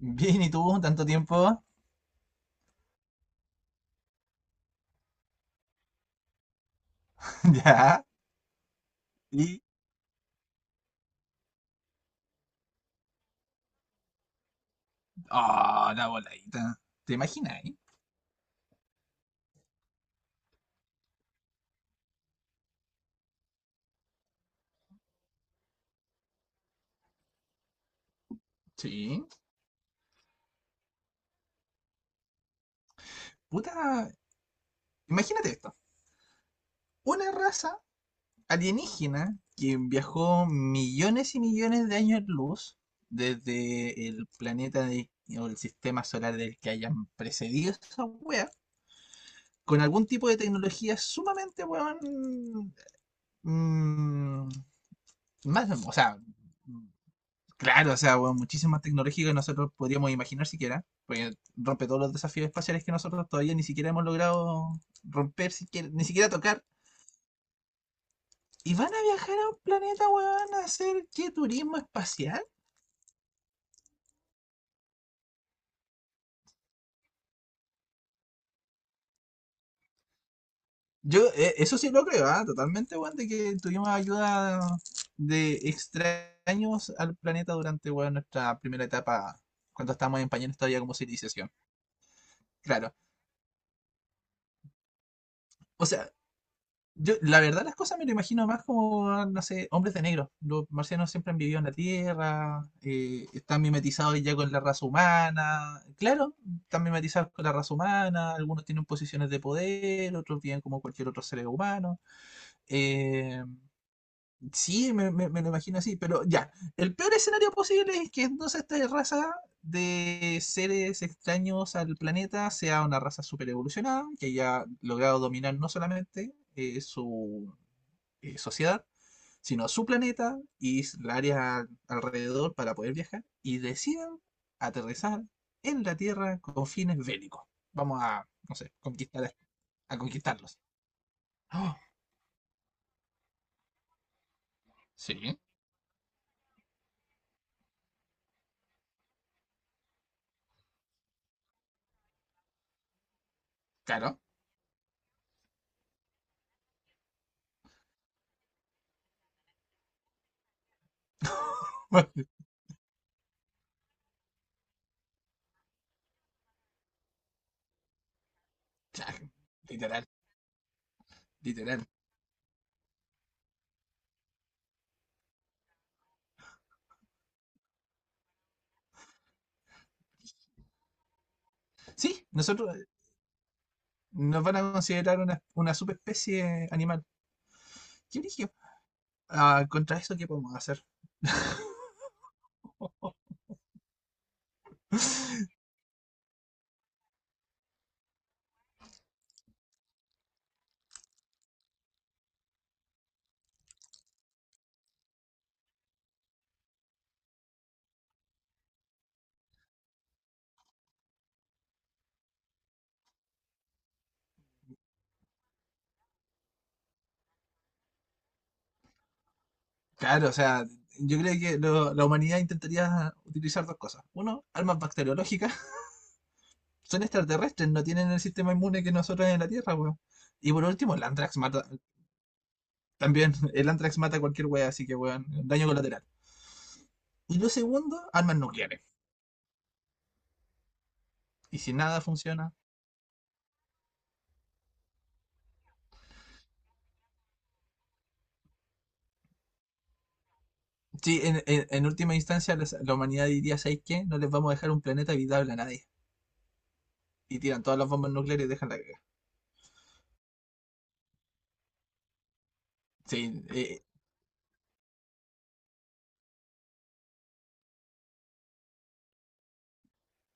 Bien, ¿y tú? ¿Tanto tiempo? Ya. Y. Ah, la voladita. ¿Te imaginas, eh? Sí. Puta. Imagínate esto. Una raza alienígena que viajó millones y millones de años luz desde el planeta o el sistema solar del que hayan precedido esa wea, con algún tipo de tecnología sumamente, weón. mm, Más, o sea, claro, o sea, bueno, muchísima tecnología que nosotros podríamos imaginar siquiera, porque rompe todos los desafíos espaciales que nosotros todavía ni siquiera hemos logrado romper, ni siquiera tocar. ¿Y van a viajar a un planeta, weón, a hacer qué turismo espacial? Yo, eso sí lo creo, totalmente, weón, de que tuvimos ayuda de extraños al planeta durante, weón, nuestra primera etapa, cuando estábamos en pañales todavía como civilización. Claro. O sea, yo, la verdad, las cosas me lo imagino más como, no sé, hombres de negro. Los marcianos siempre han vivido en la Tierra, están mimetizados ya con la raza humana. Claro, están mimetizados con la raza humana, algunos tienen posiciones de poder, otros viven como cualquier otro ser humano. Eh, sí, me lo imagino así, pero ya, el peor escenario posible es que entonces esta raza de seres extraños al planeta sea una raza super evolucionada, que haya logrado dominar no solamente su sociedad, sino a su planeta y la área alrededor para poder viajar y decidan aterrizar en la Tierra con fines bélicos. Vamos a, no sé, conquistar a conquistarlos. Oh, sí, claro. Literal, literal. Sí, nosotros nos van a considerar una subespecie animal. ¿Qué origen? Ah, contra eso, ¿qué podemos hacer? Claro, o sea, yo creo que la humanidad intentaría utilizar dos cosas. Uno, armas bacteriológicas. Son extraterrestres, no tienen el sistema inmune que nosotros en la Tierra, weón. Y por último, el Antrax mata. También, el Antrax mata a cualquier weón, así que weón, daño colateral. Y lo segundo, armas nucleares. Y si nada funciona. Sí, en última instancia, la humanidad diría: ¿sabéis qué? No les vamos a dejar un planeta habitable a nadie. Y tiran todas las bombas nucleares y dejan la guerra. Sí,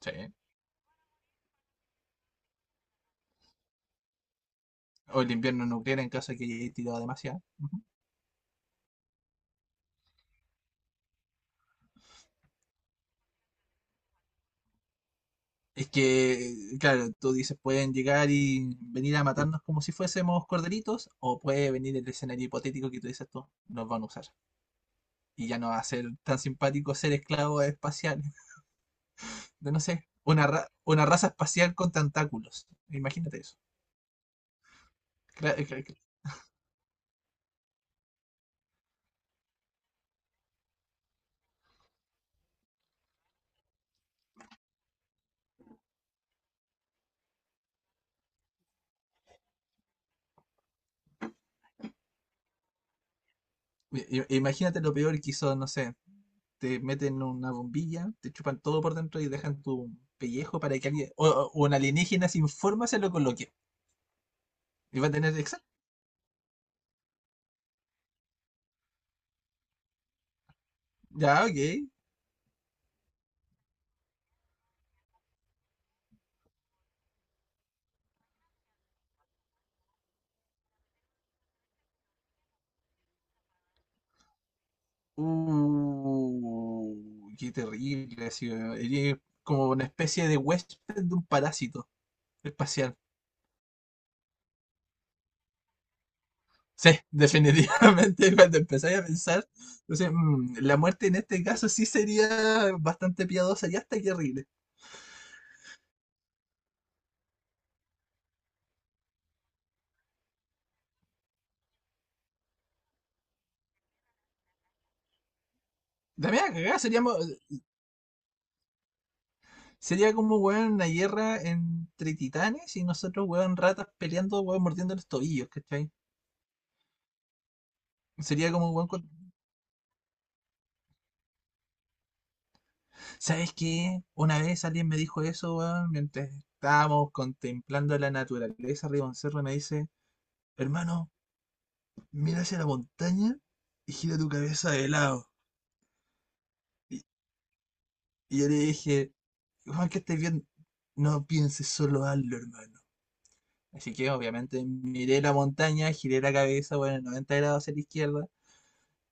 sí. O el invierno nuclear en caso de que haya tirado demasiado. Ujú. Es que, claro, tú dices, pueden llegar y venir a matarnos como si fuésemos corderitos, o puede venir el escenario hipotético que tú dices tú, nos van a usar. Y ya no va a ser tan simpático ser esclavo espacial, de no sé, una, una raza espacial con tentáculos. Imagínate eso. Cla- eh, cla- cla- Imagínate lo peor que hizo, no sé, te meten una bombilla, te chupan todo por dentro y dejan tu pellejo para que alguien, o, o un alienígena sin forma se lo coloque. Y va a tener, exacto, ya, ok. Qué terrible. Así, eres como una especie de huésped de un parásito espacial. Sí, definitivamente cuando empezáis a pensar, entonces, la muerte en este caso sí sería bastante piadosa y hasta terrible. También a cagar, sería como, weón, una guerra entre titanes y nosotros, weón, ratas peleando, weón, mordiendo los tobillos, ¿cachai? Sería como, weón. ¿Sabes qué? Una vez alguien me dijo eso, weón, mientras estábamos contemplando la naturaleza arriba de un cerro, y me dice, hermano, mira hacia la montaña y gira tu cabeza de lado. Y, y yo le dije, Juan, que estés bien, no pienses solo hazlo, hermano. Así que obviamente miré la montaña, giré la cabeza, bueno, 90 grados hacia la izquierda.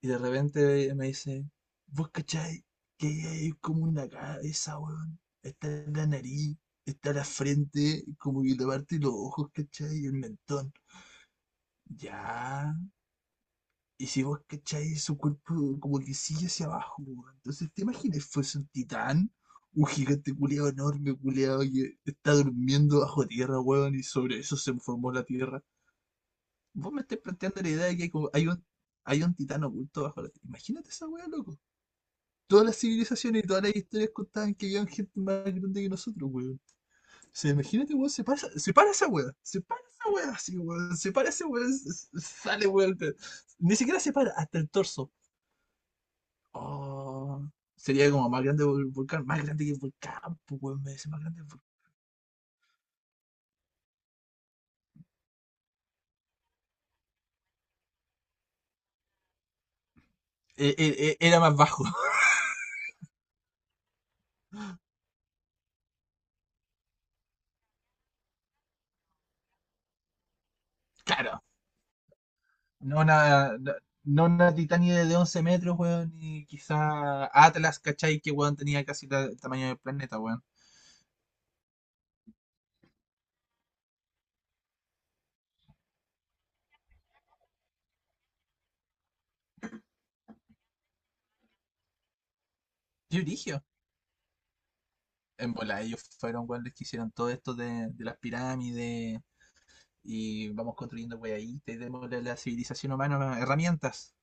Y de repente me dice, ¿vos cachai? Que hay como una cabeza, weón. Está en la nariz, está en la frente, como que la parte de los ojos, ¿cachai? Y el mentón. Ya. Y si vos cachai, su cuerpo como que sigue hacia abajo, weón. Entonces, ¿te imaginas fuese un titán? Un gigante culeado enorme, culeado, que está durmiendo bajo tierra, weón, y sobre eso se formó la tierra. Vos me estás planteando la idea de que hay hay un titán oculto bajo la tierra. Imagínate esa weá, loco. Todas las civilizaciones y todas las historias contaban que había gente más grande que nosotros, weón. O sea, imagínate, weón, se para, se para esa weá. Se para esa weá así, weón. Se para esa weá, sale, weón. Pero ni siquiera se para, hasta el torso. Oh, sería como más grande que el volcán. Más grande que el volcán, pues, weón. Me dice más grande que el volcán. Era más bajo, claro. No una, no, no una Titania de 11 metros, weón. Ni quizá Atlas, ¿cachai? Que, weón, tenía casi el tamaño del planeta, weón. Qué brillo. En bola, ellos fueron los que hicieron todo esto de las pirámides y vamos construyendo weaditas y démosle a la civilización humana herramientas.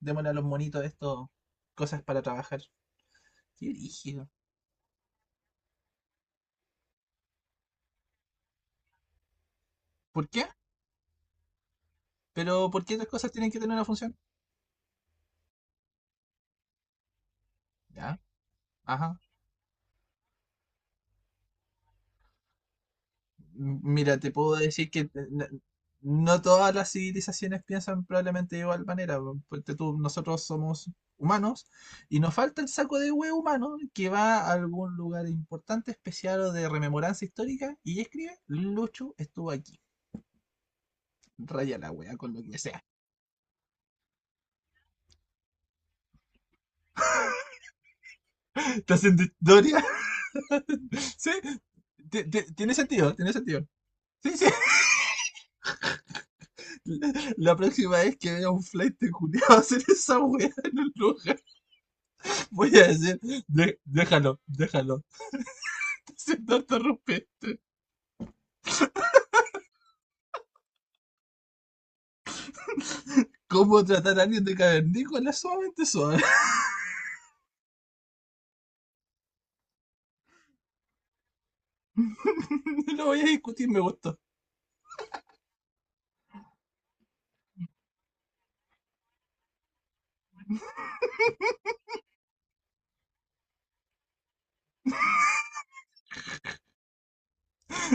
Démosle a los monitos esto, cosas para trabajar. Qué rígido. ¿Por qué? Pero ¿por qué otras cosas tienen que tener una función? Ya, ajá. Mira, te puedo decir que no todas las civilizaciones piensan probablemente de igual manera. Porque nosotros somos humanos y nos falta el saco de huevo humano que va a algún lugar importante, especial o de rememoranza histórica y escribe, Lucho estuvo aquí. Raya la wea con lo que sea. ¿Estás haciendo historia? Sí, tiene sentido, tiene sentido. Sí, sí. La próxima vez que vea un flight de culiao hacer esa wea en el lugar. Voy a decir, déjalo, déjalo, sin interrumpir. ¿Cómo tratar a alguien de cavernícola? Suavemente suave. No lo voy a discutir, me gustó.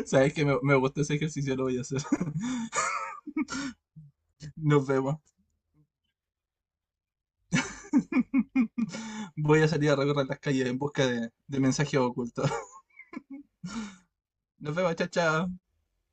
Sabes que me gustó ese ejercicio, lo voy a hacer. Nos vemos. Voy a salir a recorrer las calles en busca de mensajes ocultos. Nos vemos, chao, chao.